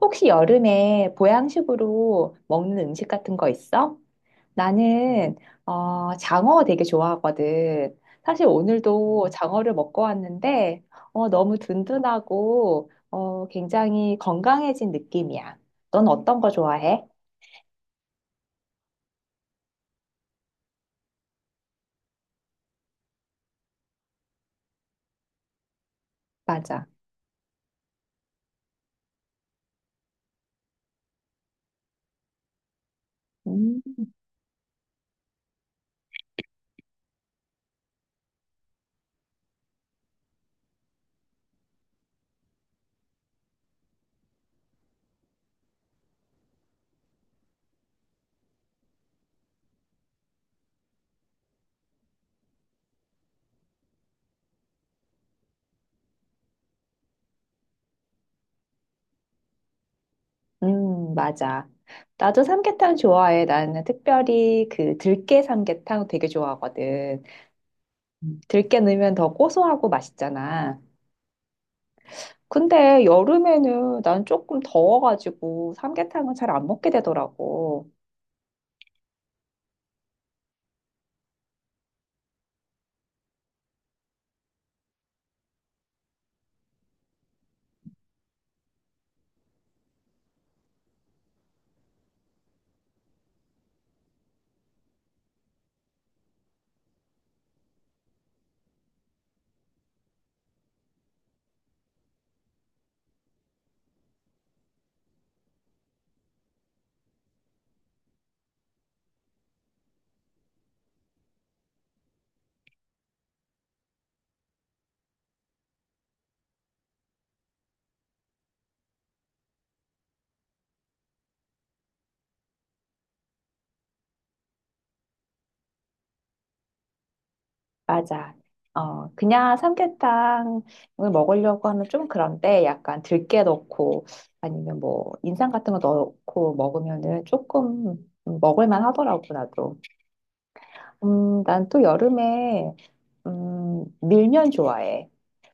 혹시 여름에 보양식으로 먹는 음식 같은 거 있어? 나는 장어 되게 좋아하거든. 사실 오늘도 장어를 먹고 왔는데 너무 든든하고 굉장히 건강해진 느낌이야. 넌 어떤 거 좋아해? 맞아. 음, 맞아. 나도 삼계탕 좋아해. 나는 특별히 그 들깨 삼계탕 되게 좋아하거든. 음. 들깨 넣으면 더 고소하고 맛있잖아. 근데 여름에는 난 조금 더워가지고 삼계탕은 잘 안 먹게 되더라고. 맞아. 어, 그냥 삼계탕을 먹으려고 하면 좀 그런데 약간 들깨 넣고 아니면 뭐 인삼 같은 거 넣고 먹으면은 조금 먹을만 하더라고, 나도. 난 또 여름에, 밀면 좋아해.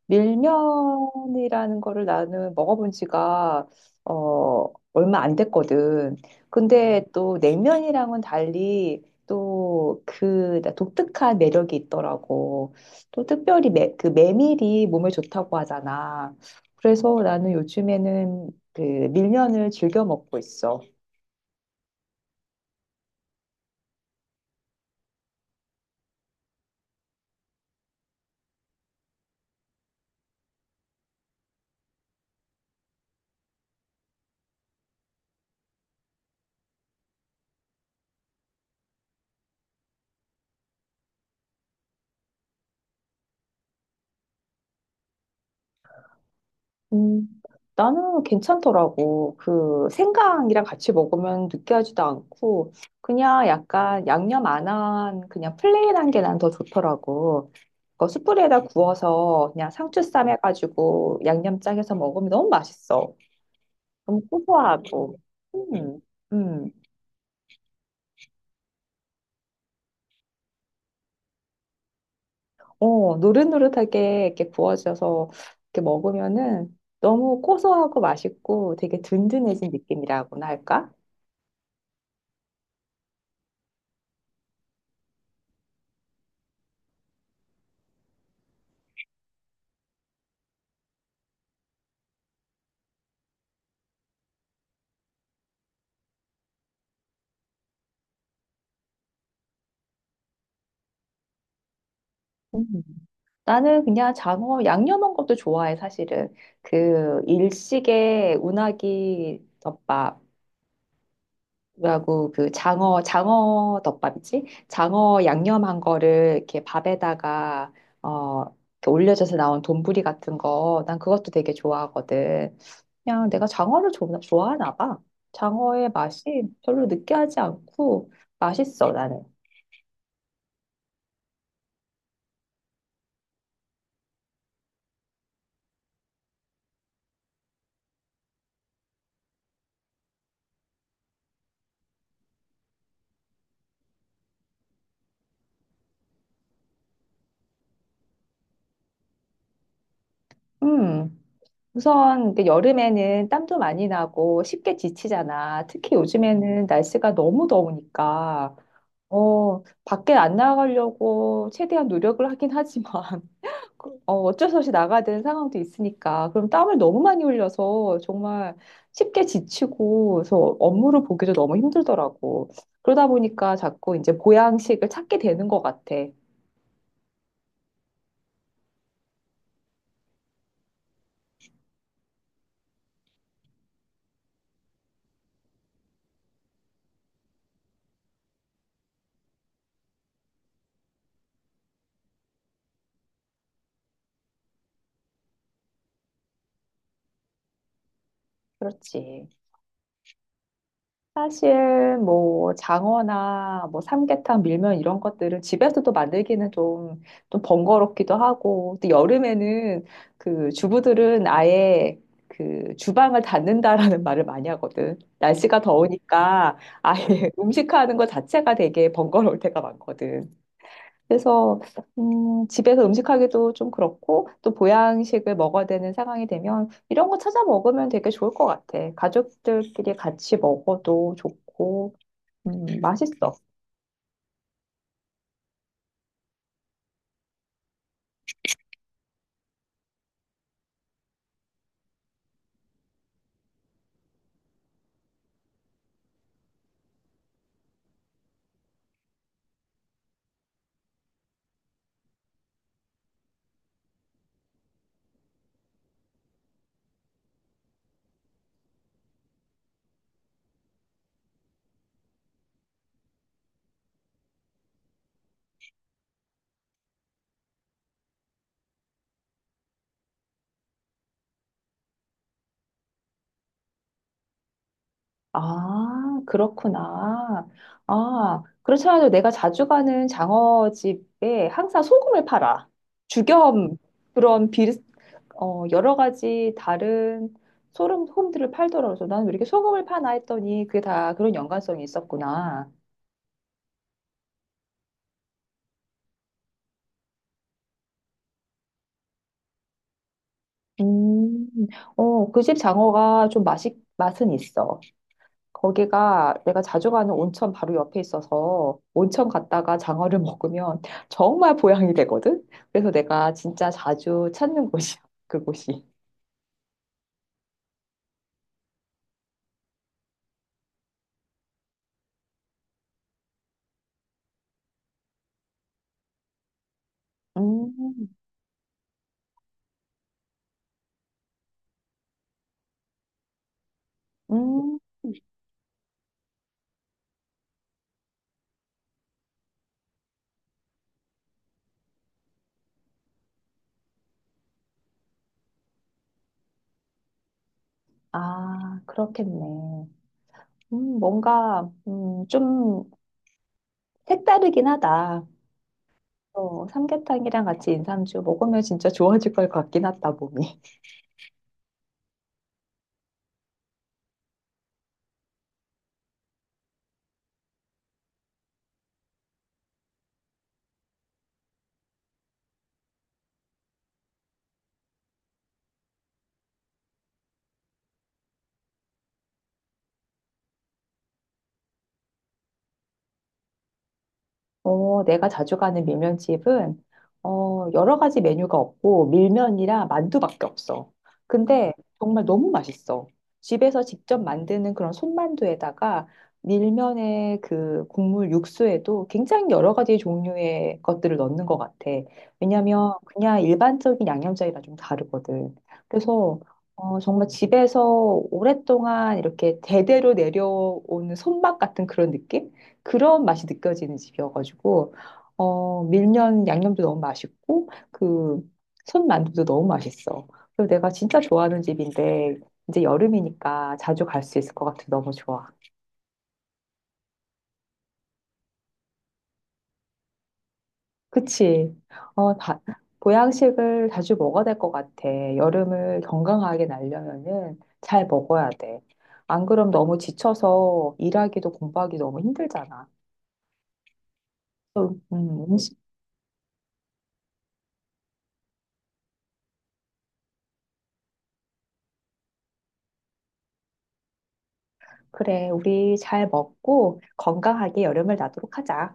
밀면이라는 거를 나는 먹어본 지가 어, 얼마 안 됐거든. 근데 또 냉면이랑은 달리 또 그 독특한 매력이 있더라고. 또 특별히 그 메밀이 몸에 좋다고 하잖아. 그래서 나는 요즘에는 그 밀면을 즐겨 먹고 있어. 음, 나는 괜찮더라고. 그 생강이랑 같이 먹으면 느끼하지도 않고 그냥 약간 양념 안한 그냥 플레인한 게 난 더 좋더라고. 그 숯불에다 구워서 그냥 상추 쌈 해가지고 양념장 해서 먹으면 너무 맛있어. 너무 고소하고. 음, 음. 어, 노릇노릇하게 이렇게 구워져서 이렇게 먹으면은 너무 고소하고 맛있고 되게 든든해진 느낌이라고나 할까? 음. 나는 그냥 장어 양념한 것도 좋아해, 사실은. 그 일식의 우나기 덮밥이라고 그 장어 덮밥이지? 장어 양념한 거를 이렇게 밥에다가, 어, 이렇게 올려져서 나온 돈부리 같은 거, 난 그것도 되게 좋아하거든. 그냥 내가 좋아하나 봐. 장어의 맛이 별로 느끼하지 않고 맛있어, 나는. 음. 우선 이게 여름에는 땀도 많이 나고 쉽게 지치잖아. 특히 요즘에는 날씨가 너무 더우니까 밖에 안 나가려고 최대한 노력을 하긴 하지만 어쩔 수 없이 나가야 되는 상황도 있으니까 그럼 땀을 너무 많이 흘려서 정말 쉽게 지치고 그래서 업무를 보기도 너무 힘들더라고. 그러다 보니까 자꾸 이제 보양식을 찾게 되는 것 같아. 그렇지. 사실 뭐 장어나 뭐 삼계탕, 밀면 이런 것들은 집에서도 만들기는 좀 번거롭기도 하고, 또 여름에는 그 주부들은 아예 그 주방을 닫는다라는 말을 많이 하거든. 날씨가 더우니까 아예 음식하는 것 자체가 되게 번거로울 때가 많거든. 그래서 집에서 음식하기도 좀 그렇고 또 보양식을 먹어야 되는 상황이 되면 이런 거 찾아 먹으면 되게 좋을 것 같아. 가족들끼리 같이 먹어도 좋고 맛있어. 아, 그렇구나. 아, 그렇지 않아도 내가 자주 가는 장어집에 항상 소금을 팔아. 죽염 그런 비 어, 여러 가지 다른 소름 홈들을 팔더라고요. 나는 왜 이렇게 소금을 파나 했더니 그게 다 그런 연관성이 있었구나. 음, 어, 그 집 장어가 좀 맛은 있어. 거기가 내가 자주 가는 온천 바로 옆에 있어서 온천 갔다가 장어를 먹으면 정말 보양이 되거든? 그래서 내가 진짜 자주 찾는 곳이야, 그곳이. 음, 음, 아, 그렇겠네. 뭔가, 좀 색다르긴 하다. 어, 삼계탕이랑 같이 인삼주 먹으면 진짜 좋아질 것 같긴 하다, 몸이. 어, 내가 자주 가는 밀면집은 여러 가지 메뉴가 없고 밀면이랑 만두밖에 없어. 근데 정말 너무 맛있어. 집에서 직접 만드는 그런 손만두에다가 밀면의 그 국물 육수에도 굉장히 여러 가지 종류의 것들을 넣는 것 같아. 왜냐면 그냥 일반적인 양념장이랑 좀 다르거든. 그래서 어, 정말 집에서 오랫동안 이렇게 대대로 내려오는 손맛 같은 그런 느낌? 그런 맛이 느껴지는 집이어가지고 어 밀면 양념도 너무 맛있고 그 손만두도 너무 맛있어. 그리고 내가 진짜 좋아하는 집인데 이제 여름이니까 자주 갈 수 있을 것 같아. 너무 좋아. 그치? 어, 다, 보양식을 자주 먹어야 될 것 같아. 여름을 건강하게 날려면은 잘 먹어야 돼. 안 그럼 너무 지쳐서 일하기도 공부하기 너무 힘들잖아. 그래서, 그래, 우리 잘 먹고 건강하게 여름을 나도록 하자.